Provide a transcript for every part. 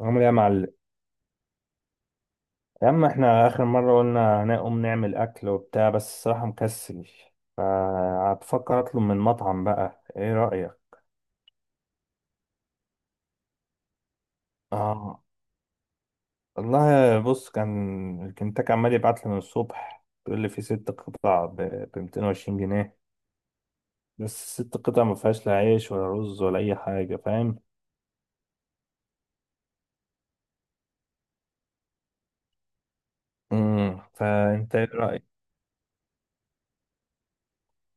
عامل ايه يا معلم؟ يا عم، احنا اخر مره قلنا هنقوم نعمل اكل وبتاع، بس الصراحه مكسل. فهتفكر اطلب من مطعم بقى، ايه رايك؟ اه. والله بص، كان الكنتاكي عمال يبعت لي من الصبح، بيقول لي في ست قطع ب 220 جنيه. بس الست قطع ما فيهاش لا عيش ولا رز ولا اي حاجه، فاهم؟ فانت ايه رايك؟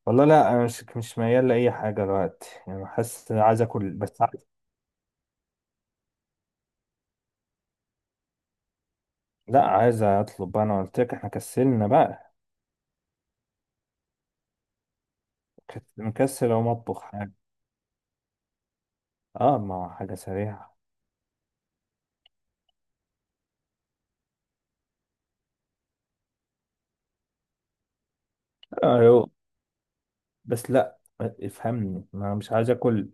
والله لا، انا مش ميال لاي حاجه دلوقتي، يعني حاسس عايز اكل بس عايز. لا، عايز اطلب بقى، انا قلت لك احنا كسلنا بقى. كنت مكسل او مطبخ حاجه. اه، ما هو حاجه سريعه. ايوه، بس لا افهمني، ما أنا مش عايز اكل.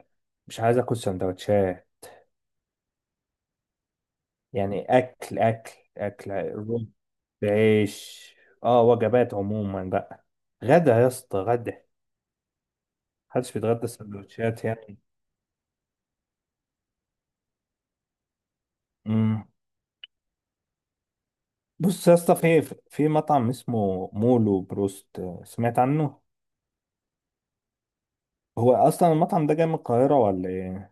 مش عايز اكل سندوتشات. يعني اكل اكل اكل. رز. بعيش. اه، وجبات عموما بقى. غدا يا اسطى، غدا. محدش بيتغدى سندوتشات يعني. امم بص يا اسطى، في مطعم اسمه مولو بروست، سمعت عنه؟ هو اصلا المطعم ده جاي من القاهره ولا ايه؟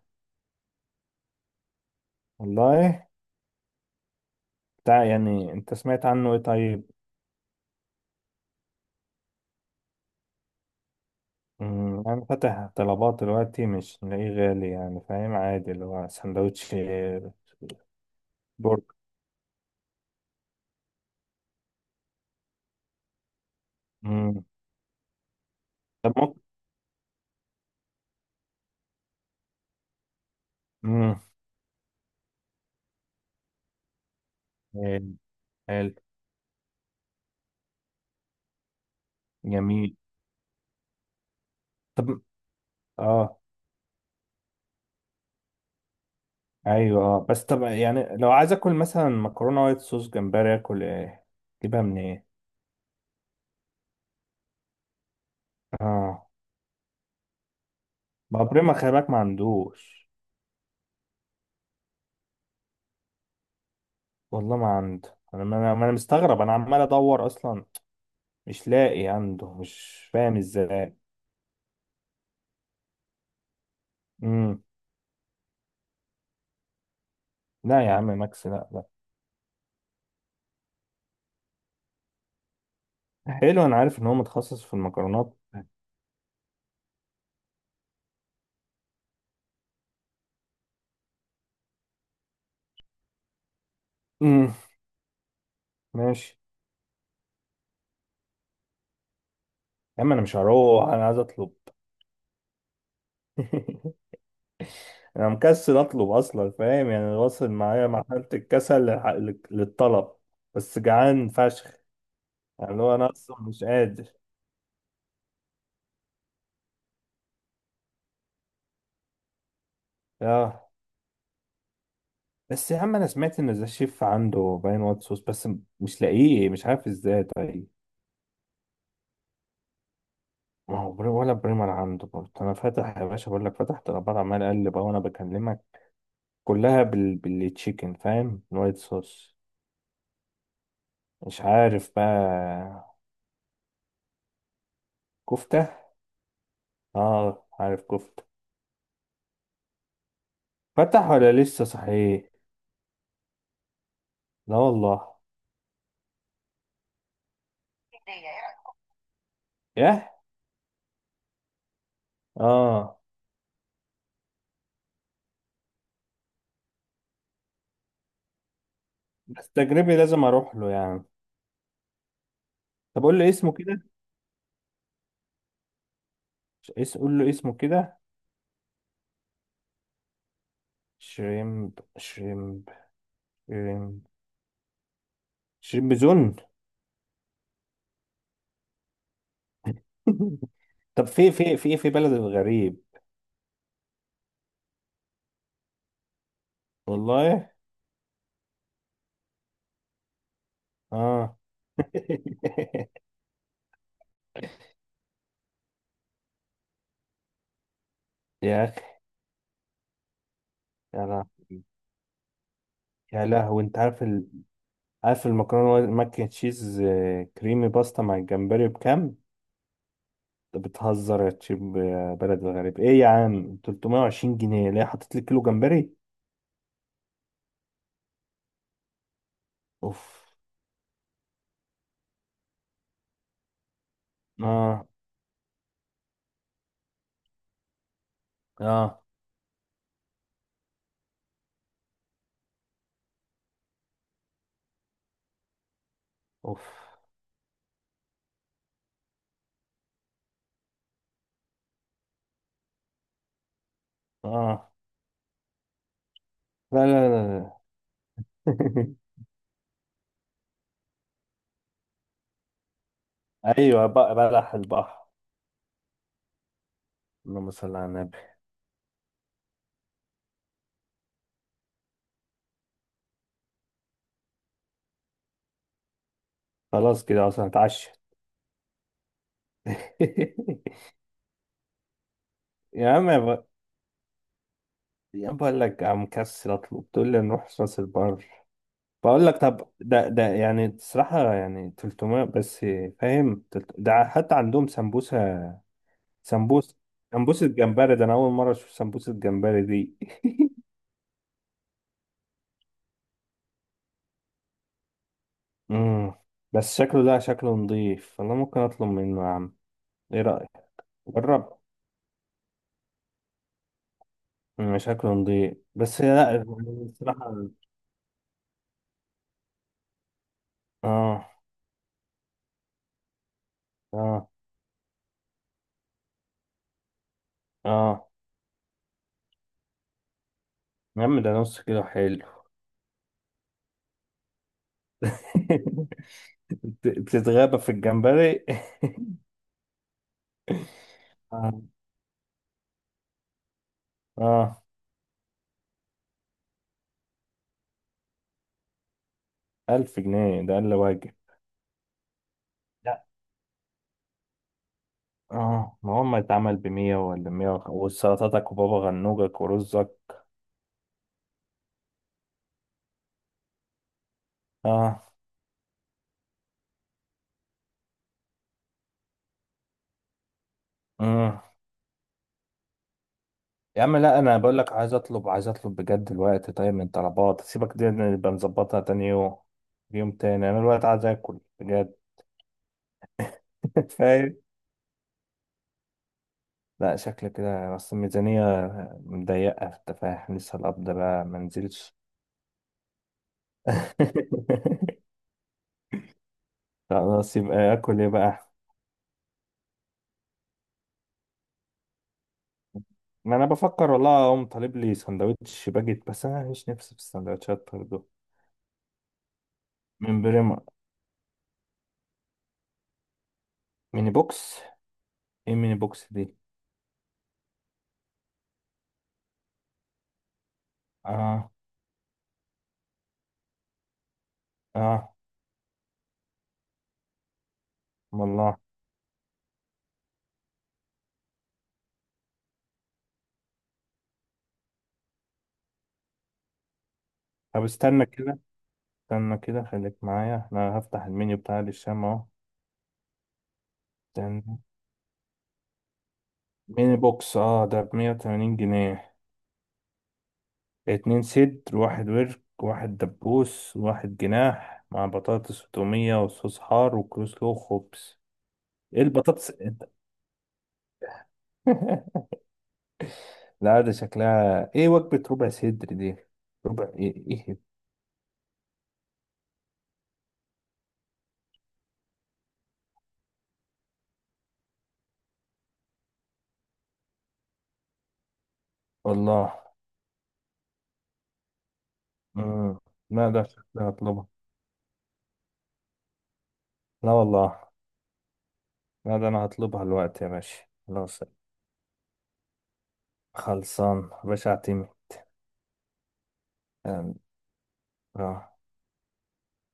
والله. بتاع يعني، انت سمعت عنه ايه طيب؟ أنا فاتح طلبات دلوقتي، مش لاقيه غالي يعني، فاهم؟ عادي اللي هو سندوتش. برجر. أمم، طب ممكن. أمم، حلو. حلو. جميل. طب. اه. ايوه، اه، بس طب يعني لو عايز اكل مثلا مكرونه وايت صوص جمبري، اكل ايه؟ اجيبها من ايه؟ اه. بابريما خلي بالك ما عندوش. والله ما عنده، انا ما انا ما أنا مستغرب، انا عمال ادور اصلا. مش لاقي عنده، مش فاهم ازاي. امم لا يا عم ماكس، لا، لا. حلو، انا عارف ان هو متخصص في المكرونات. امم ماشي. يا عم انا مش هروح، انا عايز اطلب. انا مكسل اطلب اصلا، فاهم؟ يعني واصل معايا مرحله الكسل للطلب. بس جعان فشخ. يعني اللي هو انا اصلا مش قادر. اه. بس يا عم انا سمعت ان ذا شيف عنده باين وايت صوص بس. مش لاقيه، مش عارف ازاي طيب. ما هو بري ولا بريمر عنده برضه، انا فاتح يا باشا بقول لك، فتحت الابار عمال اقلب اهو انا بكلمك. كلها بالتشيكن، فاهم؟ الوايت صوص. مش عارف بقى. كفتة. اه، عارف كفتة. فتح ولا لسه صحيح؟ لا والله. ياه. اه. بس تجربي لازم اروح له يعني. طب قول لي اسمه كده. ش- اس قول له اسمه كده. شريمب شريمب. شريمب. شريمب زون. طب في بلد الغريب. والله. اه. يا اخي. يا لهوي. يا لهوي، انت عارف عارف المكرونه ماك اند تشيز، كريمي باستا مع الجمبري بكام؟ بتهزر يا تشيب يا بلد الغريب، ايه يا عم 320 جنيه؟ ليه حاطط لي كيلو جمبري؟ اوف. اه. اه. اوف. اه. لا، لا، لا، لا. ايوه بقى، بلح البحر. اللهم صل على النبي. خلاص كده اصلا هتعشى. يا عم، يا ب-. يا عم بقول لك عم مكسل اطلب، تقول لي نروح راس البر؟ بقول لك طب ده يعني الصراحه يعني 300 بس. فاهم ده حتى عندهم سمبوسه. سمبوسة. سمبوسة جمبري ده أنا أول مرة أشوف سمبوسة جمبري دي. مم. بس شكله ده شكله نضيف، والله ممكن أطلب منه يا عم. إيه رأيك؟ جرب. شكله نضيف بس لا يعني. الصراحة. آه. آه. آه. يا عم ده نص كيلو حلو. بتتغابى في الجمبري. آه. آه. 1000 جنيه ده أقل واجب. لا. آه. ما هو ما اتعمل بمية ولا مية وسلطاتك وبابا غنوجك ورزك. آه. يا عم، لا انا بقول لك عايز اطلب عايز اطلب بجد الوقت، طيب من طلبات سيبك دي نبقى نظبطها تاني يوم. يوم تاني انا الوقت عايز اكل بجد. فاهم. لا شكل كده، اصل الميزانية مضيقة انت فاهم، لسه القبض بقى ما نزلش. خلاص يبقى اكل ايه بقى؟ ما انا بفكر والله اقوم طالب لي سندوتش باجيت، بس انا مش نفسي في السندوتشات برضه. من بريمو. ميني بوكس. ايه ميني بوكس دي؟ اه. اه. والله. طب استنى كده. استنى كده، خليك معايا، انا هفتح المنيو بتاع الشام اهو. استنى. ميني بوكس اه، ده ب180 جنيه. اتنين صدر، واحد ورك، واحد دبوس، واحد جناح، مع بطاطس وتومية وصوص حار وكروسلو وخبز. ايه البطاطس انت؟ لا ده شكلها ايه وجبة ربع صدر دي؟ ربع ايه؟ ايه؟ والله. مم. لا ده شكلها هطلبها. لا والله. لا ده انا هطلبها الوقت يا باشا. خلاص. خلصان يا باشا، اعتمد. آه.